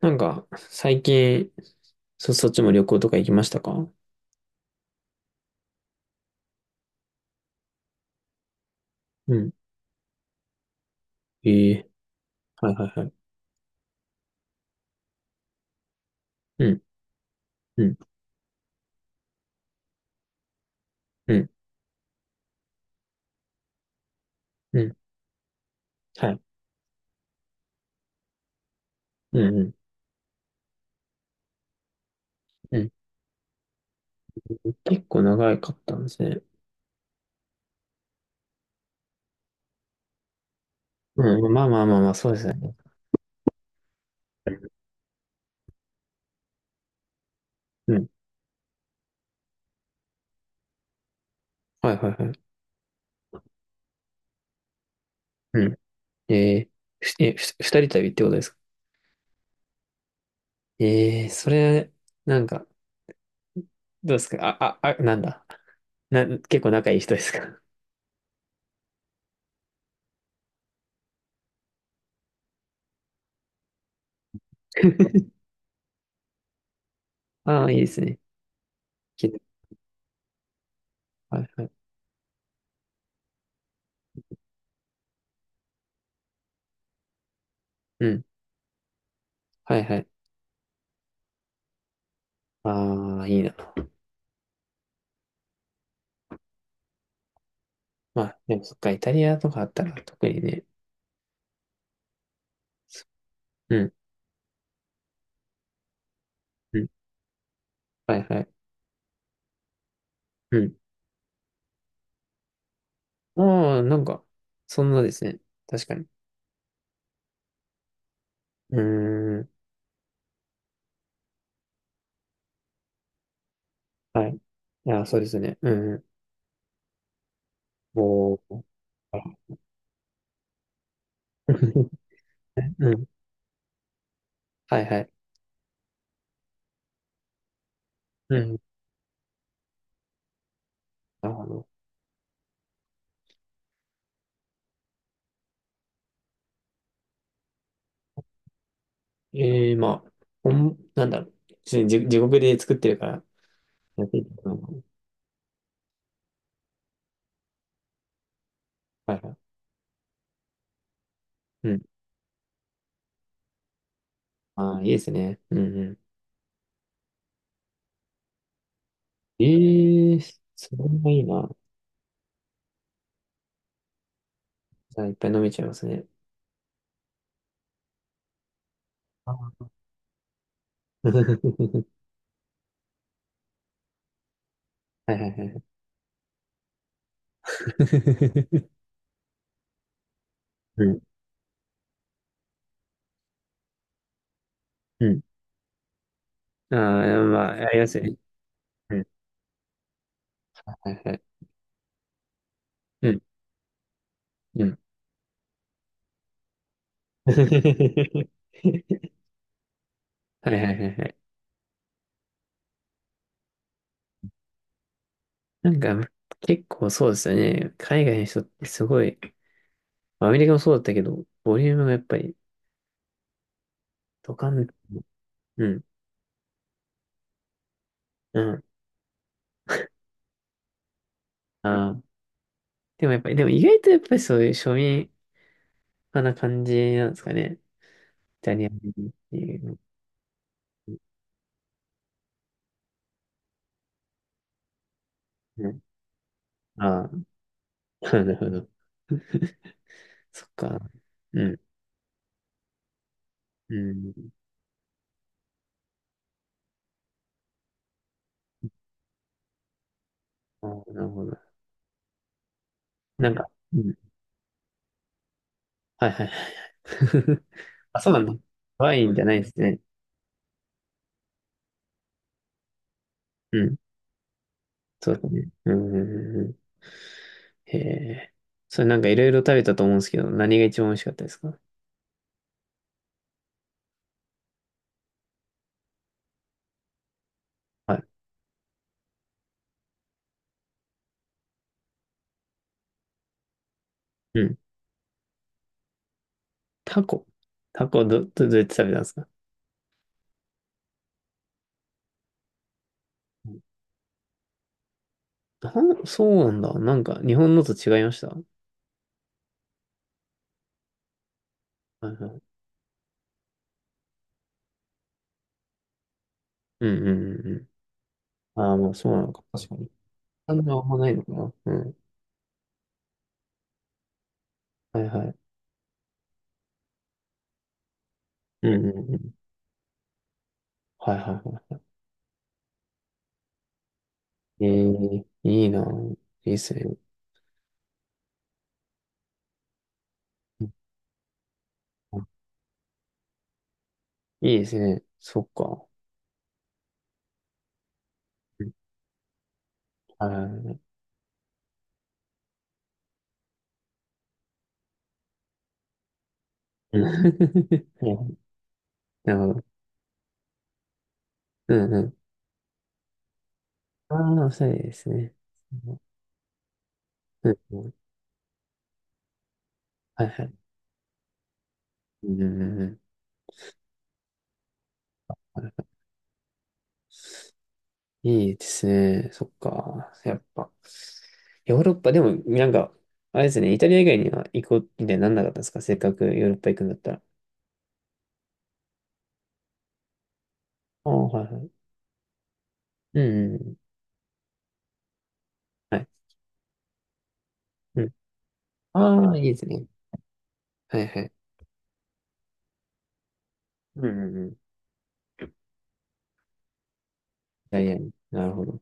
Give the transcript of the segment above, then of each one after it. なんか、最近、そっちも旅行とか行きましたか？うん。ええ、はいはいはい。うん、うん、うん、うん。はい。うん、うん、うん。結構長かったんですね。うん、まあまあまあまあ、そうですね。うん。はいはいはい。うん。ええ、ふえ、ふ、二人旅ってことですか？ええ、それ、なんか、どうですか、あ、あ、あ、なんだ。結構仲いい人ですか？ ああ、いいですね。き、はいはい。うん。はいはい。ああ、いいな。まあ、でもそっか、イタリアとかあったら特にね。うんうん。はいはい。うん。ああ、なんか、そんなですね。確かに。うーん。はい。いや、そうですね。うん。おー。あ。 うん。はいはい。うん。なるほど。ええ、まあ、なんだろう。ちょっと地地獄で作ってるから、やっていいかな。はいはい。うん。ああ、いいですね。うんうん。ええ、それもいいな。じゃあ、いっぱい飲めちゃいますね。ああ。 はいはいはいはい。うん。うん。ああ、まあ、ありますよね。うん、はいはい。うん、うん。はいはいはいはい。なんか、結構そうですよね。海外の人ってすごい、まあアメリカもそうだったけど、ボリュームがやっぱり、ドカン、うん、うん。ああ。でもやっぱり、でも意外とやっぱりそういう庶民派な感じなんですかね。イタリアンっていうの。うん、ああ、なるほど。そっか。うん、うん。ああ、なるほど。なんか、うん。はいはいはいはい。あ、そうなんだ。ワインじゃないですね。うん。そうだね。うん。うんうん、へえ。それなんかいろいろ食べたと思うんですけど、何が一番美味しかったですか？はい。うん。タコ。タコ、どうやって食べたんですか？そうなんだ。なんか日本のと違いました？はいはい。うんうんうんうん。ああ、まあそうなのか。確かに。感情はあんまないのかな。うん。はいはい。うんうんうん。はいはいはい。ええ、いいな。いいですね。うん、いいですね。そっか。うん、はいはいはい。うん。 なるほど。うんうん、ああ、そうですね。うん、うん、はいはい。うんうんうん、いいですね。そっか。やっぱ。ヨーロッパ、でも、なんか、あれですね、イタリア以外には行こうみたいになんなかったんですか？せっかくヨーロッパ行くんだったら。ああ、はいはい。うんうんうん。はい。うん。ああ、いいですね。はいはい。うんうんうん。イタリアに。なるほど。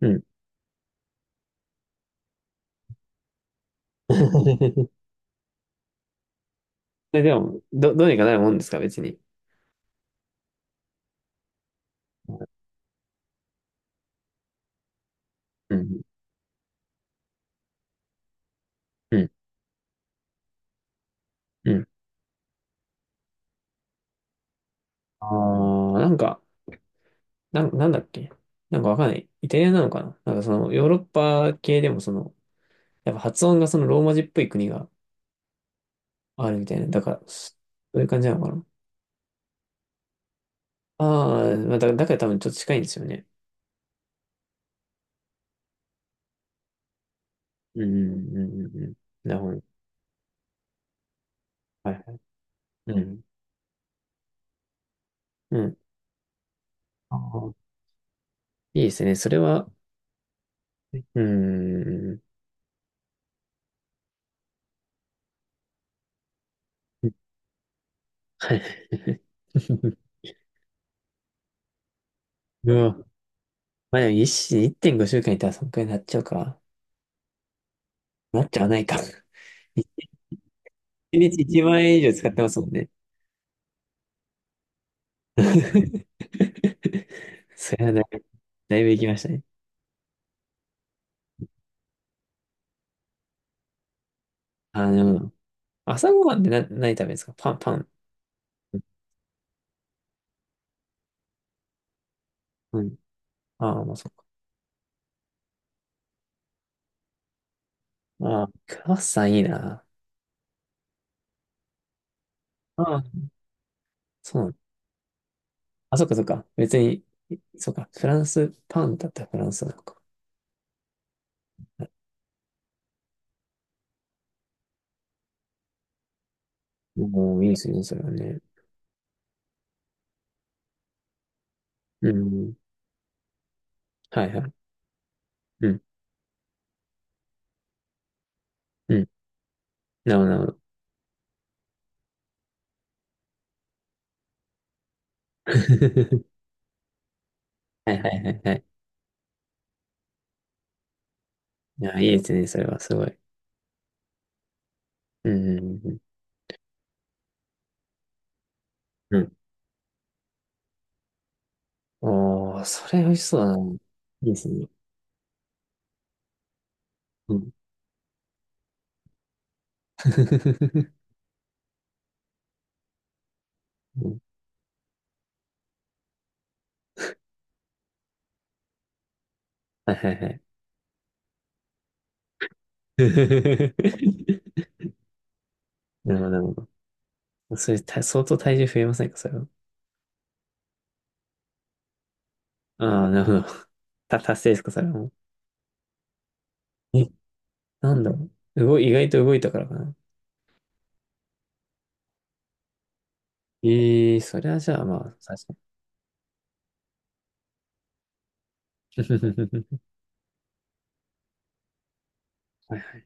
うん。それでも、どうにかなるもんですか別に。うん。うん。うん。ああ、なんか、なんだっけ。なんかわかんない。イタリアなのかな、なんかそのヨーロッパ系でもその、やっぱ発音がそのローマ字っぽい国があるみたいな。だから、そういう感じなのかな。ああー、だから多分ちょっと近いんですよね。うん、うん、うん、うん。うん、なるほど。はいはい。うん、うん。ああ、いいですね。それは、うん。はい。うわ。まあでも1.5週間いたらそんくらいになっちゃうか。なっちゃわないか。1日1万円以上使ってますもんね。それはだいぶ、だいぶ行きましたね。あの、朝ごはんって何食べるんですか？パン、パン。うん。ああ、まあ、そっか。ああ、クロワッサンいいな。ああ、そうなの。あ、そっかそっか。別に、そっか。フランス、パンだったらフランスなのか。もういいですね、それはね。うん。はいはい。うん。うん。なるほど、なるほど。はいはいはいはい。いや、いいですね、それは、すごい。うん。うんうんうん、おー、それ美味しそうだな。いいですね。うん。はいはいはい。なるほど、なるほど。それ、相当体重増えませんか、それは。ああ、なるほど。達成ですか、それはもう。え、なんだろう。意外と動いたからかな。ええー、それはじゃあ、まあ、確かに。はい